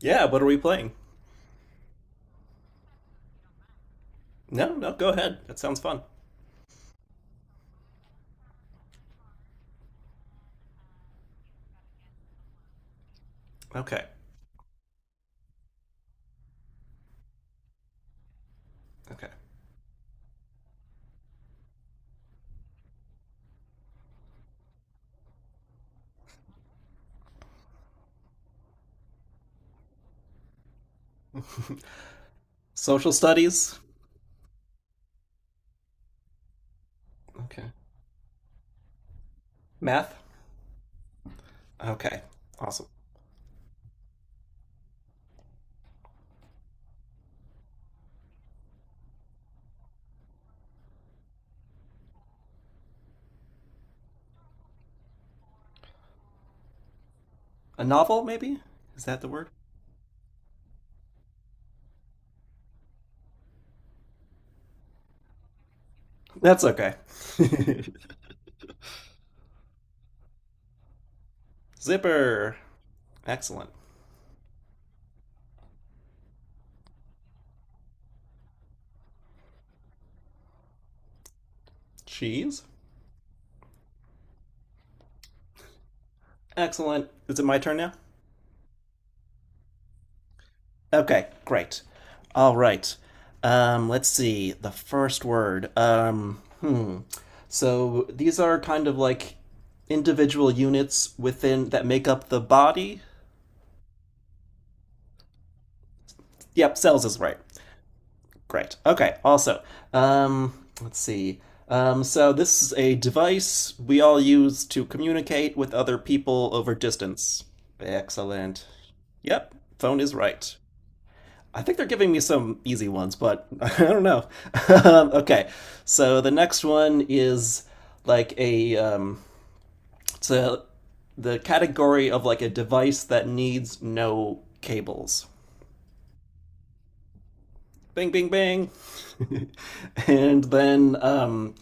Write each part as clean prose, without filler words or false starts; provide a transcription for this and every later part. Yeah, what are we playing? No, no, go ahead. That sounds fun. Okay. Okay. Social studies. Okay. Math. Okay. Awesome. A novel, maybe? Is that the word? That's okay. Zipper. Excellent. Cheese. Excellent. Is it my turn now? Okay, great. All right. Let's see. The first word. Hmm. So these are kind of like individual units within that make up the body. Yep, cells is right. Great. Okay. Also, let's see. So this is a device we all use to communicate with other people over distance. Excellent. Yep, phone is right. I think they're giving me some easy ones, but I don't know. Okay, so the next one is like it's a, the category of like a device that needs no cables. Bing, bing, bing. And then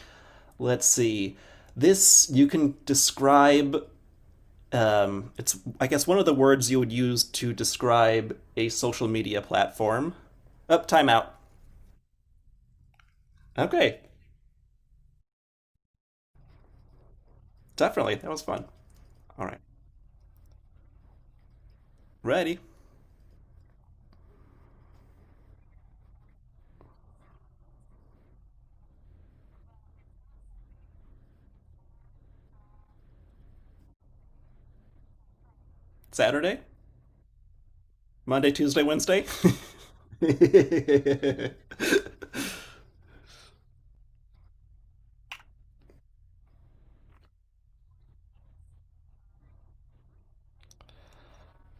let's see. This you can describe. It's, I guess, one of the words you would use to describe a social media platform. Up, oh, time out. Okay, definitely that was fun. All right, ready? Saturday, Monday, Tuesday, Wednesday.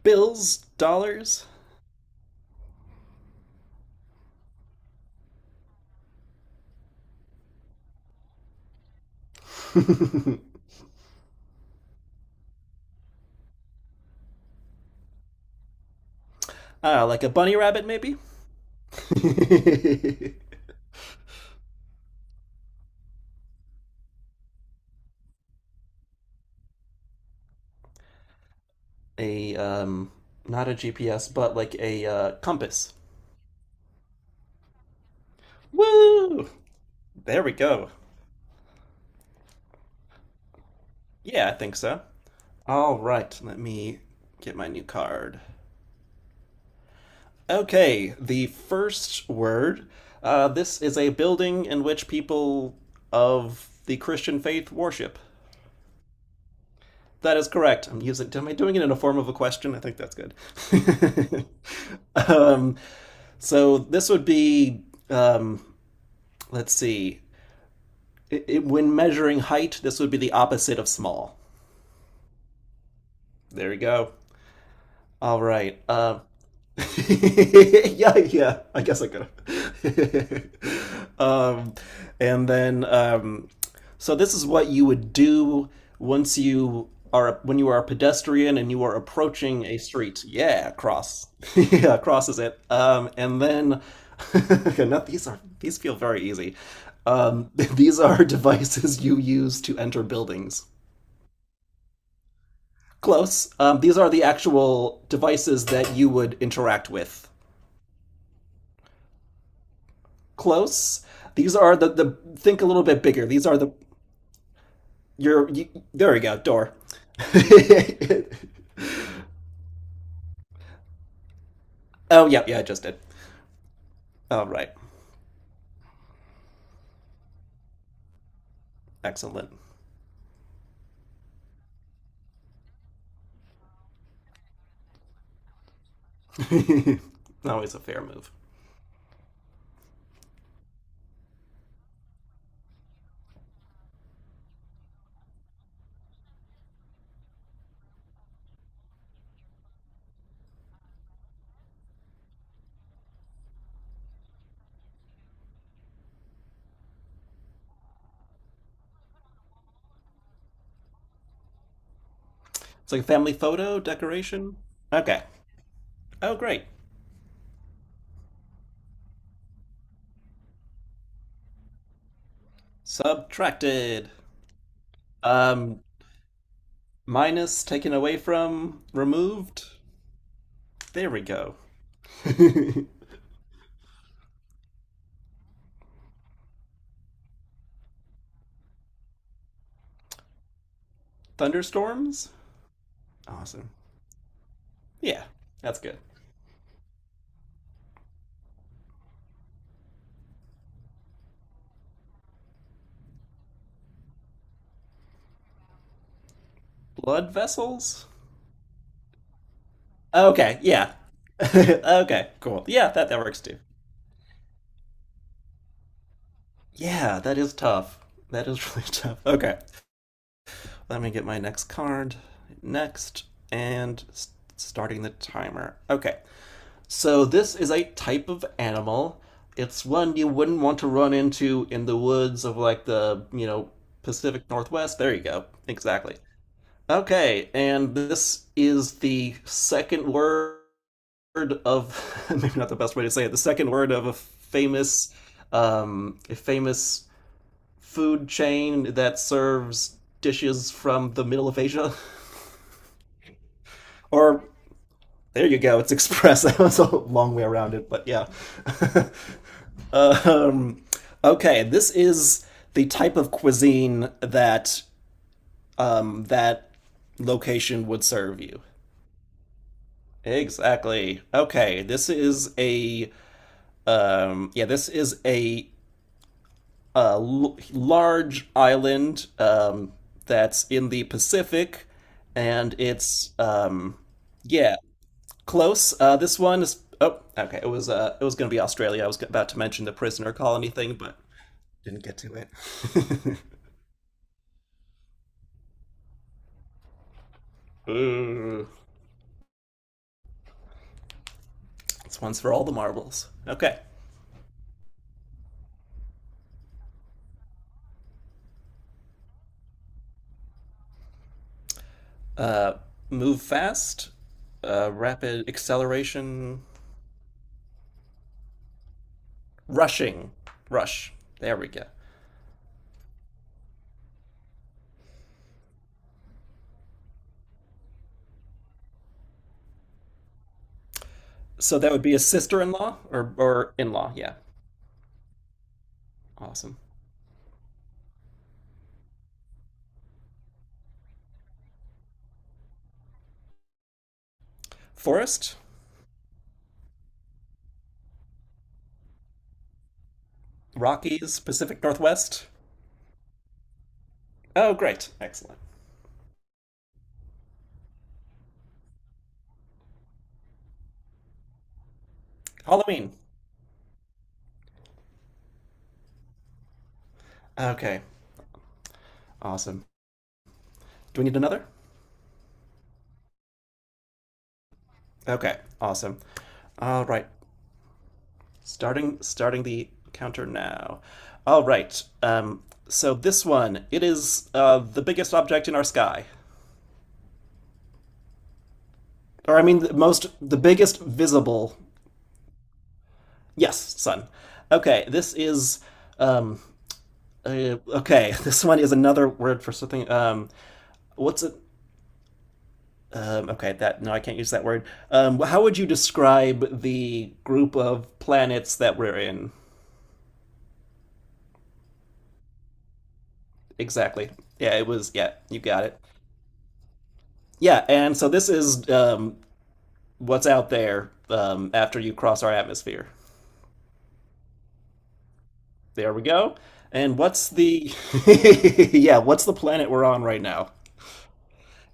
Bills, dollars. Ah, like a bunny rabbit, maybe. a Not a GPS, but like a compass. Woo! There we go. Yeah, I think so. All right, let me get my new card. Okay, the first word. This is a building in which people of the Christian faith worship. That is correct. I'm using. Am I doing it in a form of a question? I think that's good. um, so this would be. Um, let's see. When measuring height, this would be the opposite of small. There we go. All right. Yeah, yeah. I guess I could. Have. And then so this is what you would do once you are when you are a pedestrian and you are approaching a street. Yeah, cross. yeah, crosses it. And then, okay, not these are these feel very easy. These are devices you use to enter buildings. Close. These are the actual devices that you would interact with. Close. These are the think a little bit bigger. These are the your you, there we go door. oh yeah yeah I just did. All right, excellent. Always a fair move. It's like a family photo decoration. Okay. Oh great. Subtracted. Um, minus taken away from removed. There we go. Thunderstorms. Awesome. Yeah, that's good. Blood vessels? Okay, yeah. okay, cool. Yeah, that works too. Yeah, that is tough. That is really tough. Okay, let me get my next card. Next, and starting the timer. Okay, so this is a type of animal. It's one you wouldn't want to run into in the woods of like the, you know, Pacific Northwest. There you go. Exactly. Okay, and this is the second word of maybe not the best way to say it. The second word of a famous food chain that serves dishes from the middle of Asia. Or there you go, it's express. That was a long way around it, but yeah. um, okay, this is the type of cuisine that location would serve you. Exactly. Okay, this is a yeah, this is a large island that's in the Pacific, and it's yeah, close. This one is oh, okay. It was going to be Australia. I was about to mention the prisoner colony thing, but didn't get to it. Ooh, this one's for all the marbles. Okay, uh, move fast, rapid acceleration, rushing, rush. There we go. So that would be a sister-in-law or in-law. Yeah, awesome. Forest? Rockies? Pacific Northwest? Oh, great. Excellent. Halloween. Okay. Awesome. Do we need another? Okay. Awesome. All right. Starting starting the counter now. All right. So this one, it is the biggest object in our sky. Or I mean the biggest visible. Yes, sun. Okay, this is um okay, this one is another word for something what's it Okay, that no, I can't use that word. How would you describe the group of planets that we're in exactly? Yeah, it was. Yeah, you got it. Yeah, and so this is what's out there after you cross our atmosphere. There we go. And what's the yeah? What's the planet we're on right now?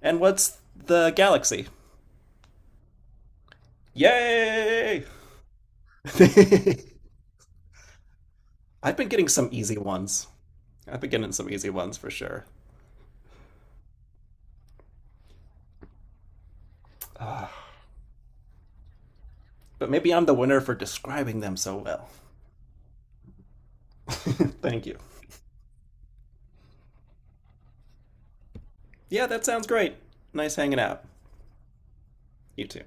And what's the galaxy? Yay! I've been getting some easy ones. I've been getting some easy ones for sure. Ah. But maybe I'm the winner for describing them so well. Thank you. Yeah, that sounds great. Nice hanging out. You too.